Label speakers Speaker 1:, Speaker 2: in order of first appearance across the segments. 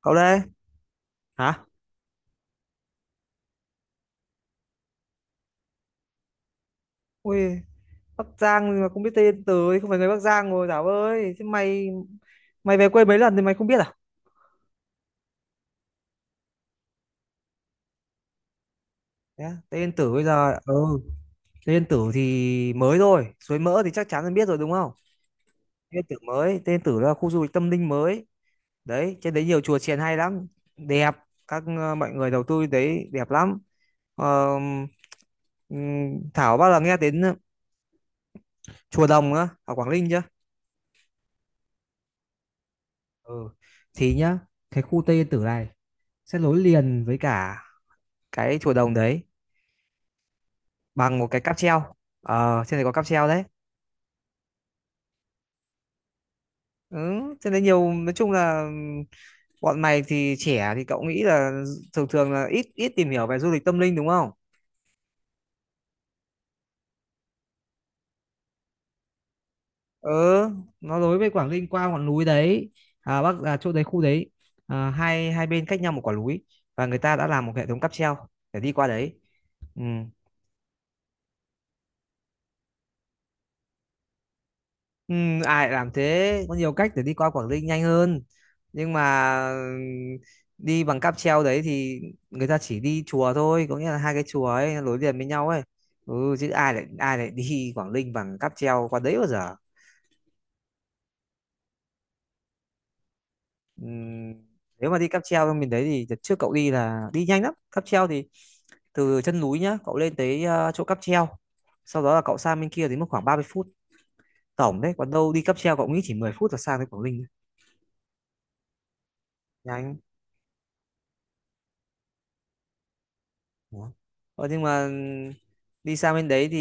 Speaker 1: Cậu đây hả? Ui, Bắc Giang mà không biết Tên Từ thì không phải người Bắc Giang rồi, Thảo ơi. Thế mày mày về quê mấy lần thì mày không biết à? Thế á? Tên Yên Tử bây giờ Tên Yên Tử thì mới rồi, Suối Mỡ thì chắc chắn là biết rồi đúng không. Tên Yên Tử mới. Tên Yên Tử là khu du lịch tâm linh mới đấy, trên đấy nhiều chùa chiền hay lắm, đẹp. Mọi người đầu tư đấy, đẹp lắm. Ờ, Thảo bao giờ nghe đến chùa Đồng á ở Quảng Ninh chưa? Ừ, thì nhá, cái khu Tây Yên Tử này sẽ nối liền với cả cái chùa Đồng đấy bằng một cái cáp treo. Ờ, trên này có cáp treo đấy. Ừ, trên đấy nhiều, nói chung là bọn mày thì trẻ thì cậu nghĩ là thường thường là ít ít tìm hiểu về du lịch tâm linh đúng không. Ừ, nó nối với Quảng Ninh qua ngọn núi đấy. Chỗ đấy, khu đấy, à, hai hai bên cách nhau một quả núi và người ta đã làm một hệ thống cáp treo để đi qua đấy. Ừ. Ừ, ai lại làm thế, có nhiều cách để đi qua Quảng Ninh nhanh hơn, nhưng mà đi bằng cáp treo đấy thì người ta chỉ đi chùa thôi, có nghĩa là hai cái chùa ấy nối liền với nhau ấy. Ừ, chứ ai lại đi Quảng Ninh bằng cáp treo qua đấy bao giờ. Ừ, nếu mà đi cáp treo bên mình đấy thì đợt trước cậu đi là đi nhanh lắm, cáp treo thì từ chân núi nhá, cậu lên tới chỗ cáp treo, sau đó là cậu sang bên kia thì mất khoảng 30 phút tổng đấy, còn đâu đi cáp treo cậu nghĩ chỉ 10 phút là sang tới Quảng Ninh. Nhanh. Đó. Ờ, nhưng mà đi sang bên đấy thì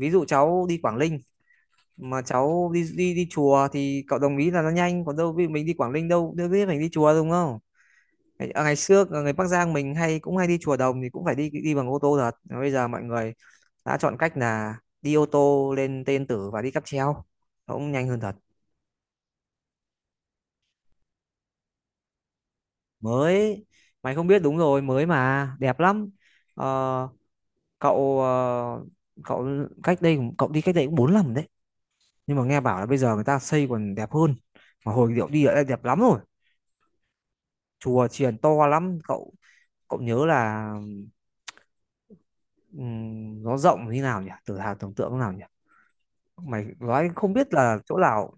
Speaker 1: ví dụ cháu đi Quảng Ninh mà cháu đi đi đi chùa thì cậu đồng ý là nó nhanh, còn đâu ví dụ mình đi Quảng Ninh đâu đâu biết mình đi chùa đúng không. Ngày xưa ở người Bắc Giang mình cũng hay đi chùa Đồng thì cũng phải đi đi bằng ô tô thật. Mà bây giờ mọi người đã chọn cách là đi ô tô lên Tên Tử và đi cáp treo, nó cũng nhanh hơn thật. Mới. Mày không biết đúng rồi, mới mà đẹp lắm. Ờ, cậu ờ, cậu cách đây, cậu đi cách đây cũng 4 năm đấy, nhưng mà nghe bảo là bây giờ người ta xây còn đẹp hơn, mà hồi điệu đi đã đẹp lắm rồi. Chùa chiền to lắm cậu. Cậu nhớ là nó rộng như nào nhỉ, từ hào tưởng tượng thế nào nhỉ, mày nói không biết là chỗ nào.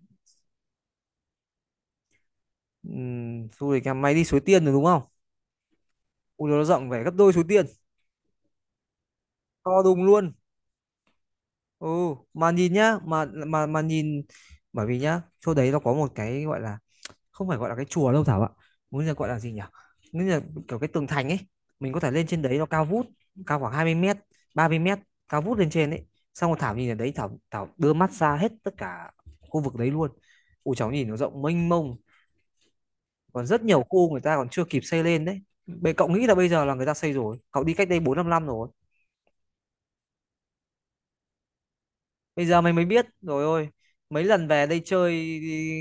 Speaker 1: Du lịch em mày đi Suối Tiên rồi đúng không. Ui, nó rộng phải gấp đôi Suối Tiên. To đùng luôn. Ừ, mà nhìn nhá, mà nhìn, bởi vì nhá chỗ đấy nó có một cái gọi là, không phải gọi là cái chùa đâu Thảo ạ, bây giờ gọi là gì nhỉ, bây giờ kiểu cái tường thành ấy. Mình có thể lên trên đấy, nó cao vút, cao khoảng 20 mét, 30 mét, cao vút lên trên ấy. Xong rồi Thảo nhìn ở đấy, Thảo Thảo đưa mắt ra hết tất cả khu vực đấy luôn. Ui cháu nhìn nó rộng mênh mông, còn rất nhiều khu người ta còn chưa kịp xây lên đấy. Bệ cậu nghĩ là bây giờ là người ta xây rồi, cậu đi cách đây 4-5 năm rồi. Bây giờ mày mới biết rồi, ôi. Mấy lần về đây chơi, đi,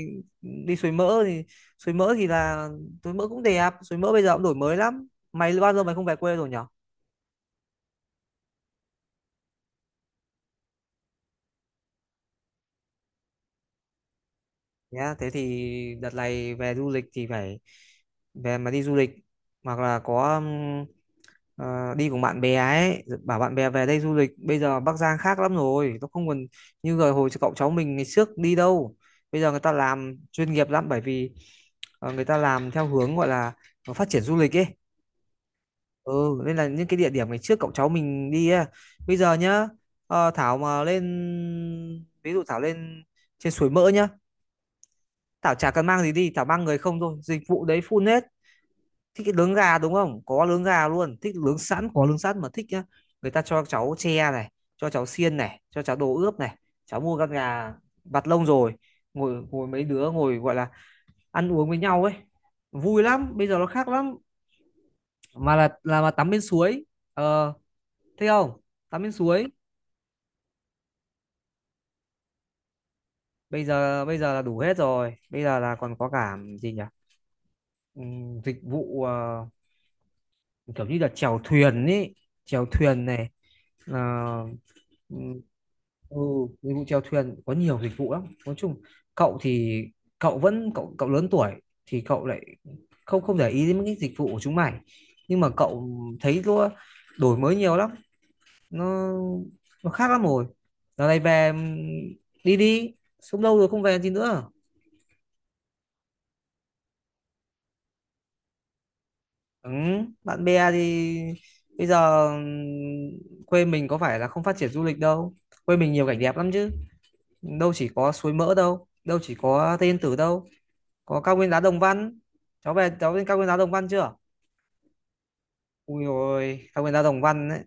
Speaker 1: đi suối mỡ thì, suối mỡ thì là, suối mỡ cũng đẹp, suối mỡ bây giờ cũng đổi mới lắm, mày bao giờ mày không về quê rồi nhỉ. Nhá thế thì đợt này về du lịch thì phải về mà đi du lịch hoặc là có đi cùng bạn bè ấy, bảo bạn bè về đây du lịch. Bây giờ Bắc Giang khác lắm rồi, nó không còn như rồi hồi cậu cháu mình ngày trước đi đâu, bây giờ người ta làm chuyên nghiệp lắm, bởi vì người ta làm theo hướng gọi là phát triển du lịch ấy. Ừ, nên là những cái địa điểm ngày trước cậu cháu mình đi ấy, bây giờ nhá, Thảo mà lên, ví dụ Thảo lên trên suối Mỡ nhá, Thảo chả cần mang gì đi, Thảo mang người không thôi, dịch vụ đấy full hết. Thích cái nướng gà đúng không, có nướng gà luôn, thích nướng sẵn có nướng sẵn, mà thích nhá, người ta cho cháu tre này, cho cháu xiên này, cho cháu đồ ướp này, cháu mua con gà, vặt lông rồi ngồi ngồi mấy đứa ngồi gọi là ăn uống với nhau ấy, vui lắm. Bây giờ nó khác lắm, mà là mà tắm bên suối. Ờ thấy không. Tắm bên suối bây giờ, bây giờ là đủ hết rồi, bây giờ là còn có cả gì nhỉ, dịch vụ kiểu như là chèo thuyền ấy, chèo thuyền này là. Ừ, ừ, dịch vụ chèo thuyền, có nhiều dịch vụ lắm, nói chung cậu thì cậu lớn tuổi thì cậu lại không không để ý đến những cái dịch vụ của chúng mày, nhưng mà cậu thấy nó đổi mới nhiều lắm, nó nó khác lắm rồi. Giờ này về đi đi, sống lâu rồi không về gì nữa. Ừ, bạn bè thì bây giờ quê mình có phải là không phát triển du lịch đâu, quê mình nhiều cảnh đẹp lắm chứ, đâu chỉ có suối mỡ đâu, đâu chỉ có Tây Yên Tử đâu. Có cao nguyên đá Đồng Văn. Cháu về cháu lên cao nguyên đá Đồng Văn chưa? Ui ôi cao nguyên đá Đồng Văn ấy,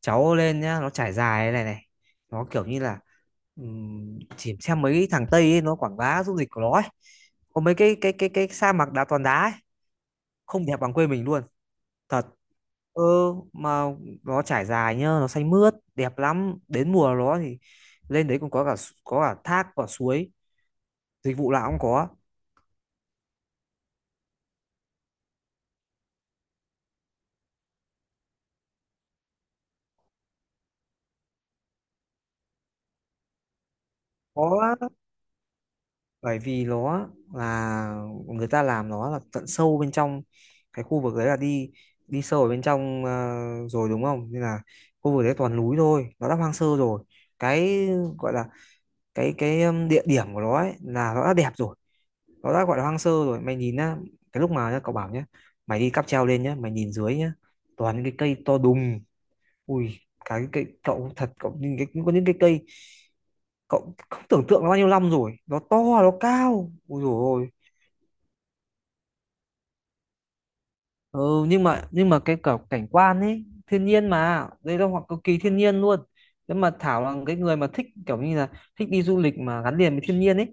Speaker 1: cháu lên nhá, nó trải dài thế này này, nó kiểu như là chỉ xem mấy thằng Tây ấy, nó quảng bá du lịch của nó ấy, có mấy cái sa mạc đá toàn đá ấy. Không đẹp bằng quê mình luôn. Thật. Ừ, mà nó trải dài nhá, nó xanh mướt đẹp lắm, đến mùa nó thì lên đấy còn có cả, có cả thác, có suối, dịch vụ nào cũng có. Có, bởi vì nó là người ta làm nó là tận sâu bên trong, cái khu vực đấy là đi, đi sâu ở bên trong rồi đúng không, nên là khu vực đấy toàn núi thôi, nó đã hoang sơ rồi, cái gọi là cái địa điểm của nó ấy là nó đã đẹp rồi, nó đã gọi là hoang sơ rồi. Mày nhìn á cái lúc mà nhá, cậu bảo nhá, mày đi cáp treo lên nhá, mày nhìn dưới nhá, toàn những cái cây to đùng. Ui cái cây cậu, thật cậu nhìn cái, có những cái cây cậu không tưởng tượng nó bao nhiêu năm rồi, nó to, nó cao, ui dồi ôi. Nhưng mà cái cả cảnh quan ấy thiên nhiên, mà đây là hoặc cực kỳ thiên nhiên luôn, nếu mà Thảo là cái người mà thích kiểu như là thích đi du lịch mà gắn liền với thiên nhiên ấy,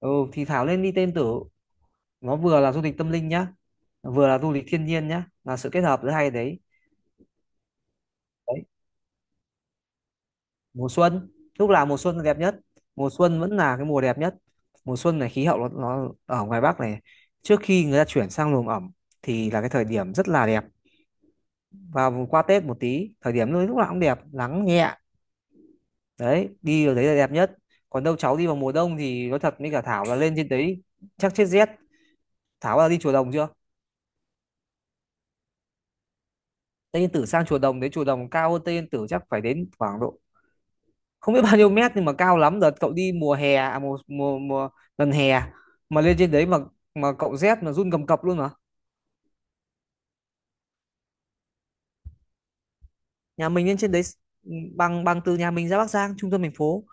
Speaker 1: ừ, thì Thảo lên đi tên tử, nó vừa là du lịch tâm linh nhá, vừa là du lịch thiên nhiên nhá, là sự kết hợp giữa hai đấy. Đấy, mùa xuân, lúc nào mùa xuân là đẹp nhất, mùa xuân vẫn là cái mùa đẹp nhất. Mùa xuân này khí hậu nó ở ngoài Bắc này trước khi người ta chuyển sang luồng ẩm thì là cái thời điểm rất là đẹp, và qua Tết một tí thời điểm lúc lúc nào cũng đẹp, nắng nhẹ. Đấy, đi vào đấy là đẹp nhất, còn đâu cháu đi vào mùa đông thì nói thật với cả Thảo là lên trên đấy chắc chết rét. Thảo là đi chùa Đồng chưa? Tây Yên Tử sang chùa Đồng đấy, chùa Đồng cao hơn Tây Yên Tử chắc phải đến khoảng độ không biết bao nhiêu mét nhưng mà cao lắm. Đợt cậu đi mùa hè, à, mùa, mùa mùa gần hè, mà lên trên đấy mà cậu rét mà run cầm cập luôn. Mà nhà mình lên trên đấy bằng bằng từ nhà mình ra Bắc Giang trung tâm thành phố,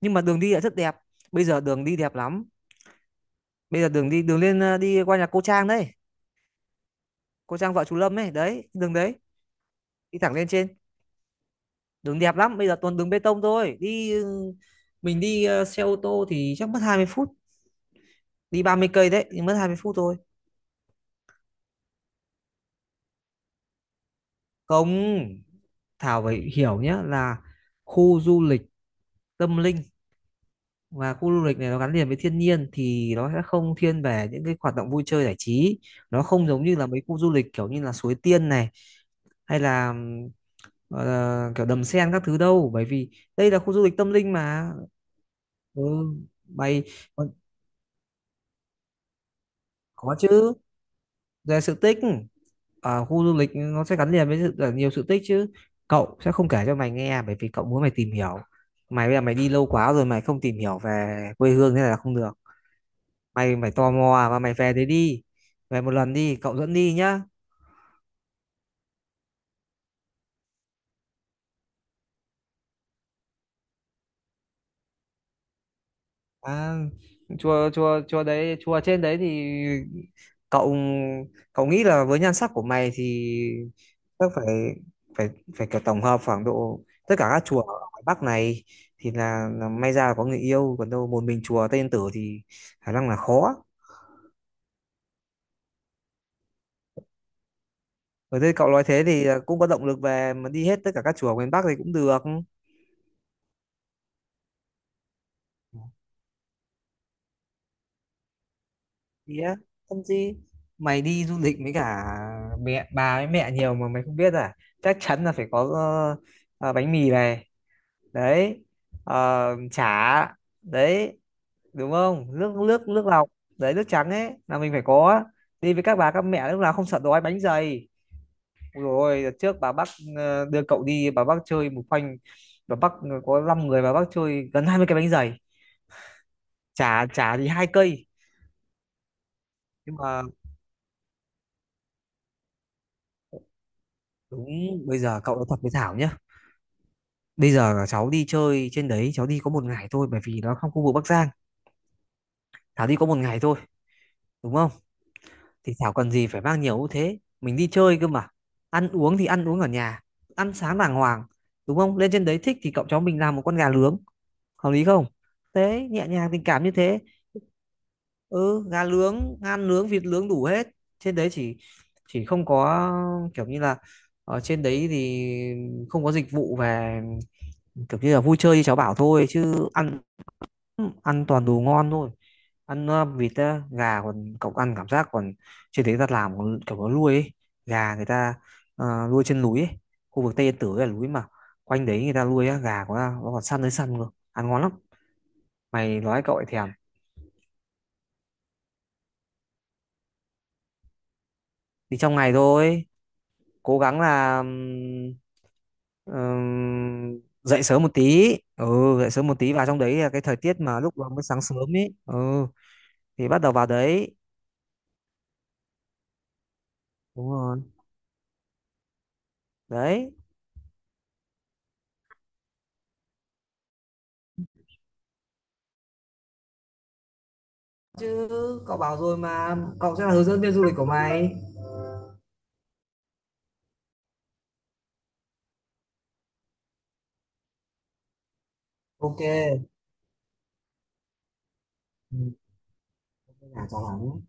Speaker 1: nhưng mà đường đi lại rất đẹp. Bây giờ đường đi đẹp lắm, bây giờ đường đi, đường lên đi qua nhà cô Trang đấy, cô Trang vợ chú Lâm ấy, đấy đường đấy, đi thẳng lên trên, đường đẹp lắm, bây giờ toàn đường bê tông thôi đi. Ừ, mình đi xe ô tô thì chắc mất 20 phút, đi 30 cây đấy, nhưng mất 20 phút thôi. Không, Thảo phải hiểu nhé, là khu du lịch tâm linh và khu du lịch này nó gắn liền với thiên nhiên thì nó sẽ không thiên về những cái hoạt động vui chơi giải trí. Nó không giống như là mấy khu du lịch kiểu như là Suối Tiên này hay là gọi là kiểu Đầm Sen các thứ đâu, bởi vì đây là khu du lịch tâm linh mà. Ừ, mày có, có chứ, về sự tích. Khu du lịch nó sẽ gắn liền với là nhiều sự tích chứ. Cậu sẽ không kể cho mày nghe bởi vì cậu muốn mày tìm hiểu. Mày bây giờ mày đi lâu quá rồi, mày không tìm hiểu về quê hương thế này là không được. Mày mày tò mò và mày về đấy đi, về một lần đi, cậu dẫn đi nhá. À, chùa chùa chùa đấy, chùa trên đấy thì cậu cậu nghĩ là với nhan sắc của mày thì chắc phải phải phải kiểu tổng hợp khoảng độ tất cả các chùa ở ngoài Bắc này, thì là may ra là có người yêu, còn đâu một mình chùa Tây Yên Tử thì khả năng là khó. Ở đây cậu nói thế thì cũng có động lực về mà đi hết tất cả các chùa ở miền Bắc thì cũng được. Ý á, làm gì? Mày đi du lịch với cả mẹ, bà với mẹ nhiều mà mày không biết à? Chắc chắn là phải có ờ, bánh mì này, đấy, chả, đấy, đúng không? Nước nước nước lọc, đấy, nước trắng ấy là mình phải có. Đi với các bà các mẹ lúc nào không sợ đói bánh dày. Rồi đợt trước bà bắc đưa cậu đi, bà bắc chơi một khoanh, bà bắc có 5 người bà bắc chơi gần 20 cái bánh dày, chả chả thì 2 cây, nhưng mà, đúng. Bây giờ cậu nói thật với Thảo nhá, bây giờ cháu đi chơi trên đấy cháu đi có một ngày thôi, bởi vì nó trong khu vực Bắc Giang. Thảo đi có một ngày thôi, đúng không? Thì Thảo cần gì phải mang nhiều như thế, mình đi chơi cơ mà. Ăn uống thì ăn uống ở nhà, ăn sáng đàng hoàng, đúng không? Lên trên đấy thích thì cậu cháu mình làm một con gà nướng, hợp lý không? Thế nhẹ nhàng tình cảm như thế. Ừ, gà nướng ngan nướng vịt nướng đủ hết. Trên đấy chỉ không có kiểu như là, ở trên đấy thì không có dịch vụ về kiểu như là vui chơi như cháu bảo thôi, chứ ăn. Ừ, ăn toàn đồ ngon thôi. Ăn vịt á, gà, còn cậu ăn cảm giác còn trên đấy ta làm còn kiểu nó nuôi ấy. Gà người ta nuôi trên núi ấy. Khu vực Tây Yên Tử ấy là núi mà, quanh đấy người ta nuôi á, gà của ta nó còn săn tới săn cơ, ăn ngon lắm. Mày nói cậu ấy thèm. Thì trong ngày thôi, cố gắng là dậy sớm một tí, dậy sớm một tí vào trong đấy là cái thời tiết mà lúc đó mới sáng sớm ấy, thì bắt đầu vào đấy. Đúng rồi đấy chứ. Cậu bảo rồi mà, cậu sẽ là hướng dẫn viên du lịch của mày. Ok. Ừ, thế là cho lắm.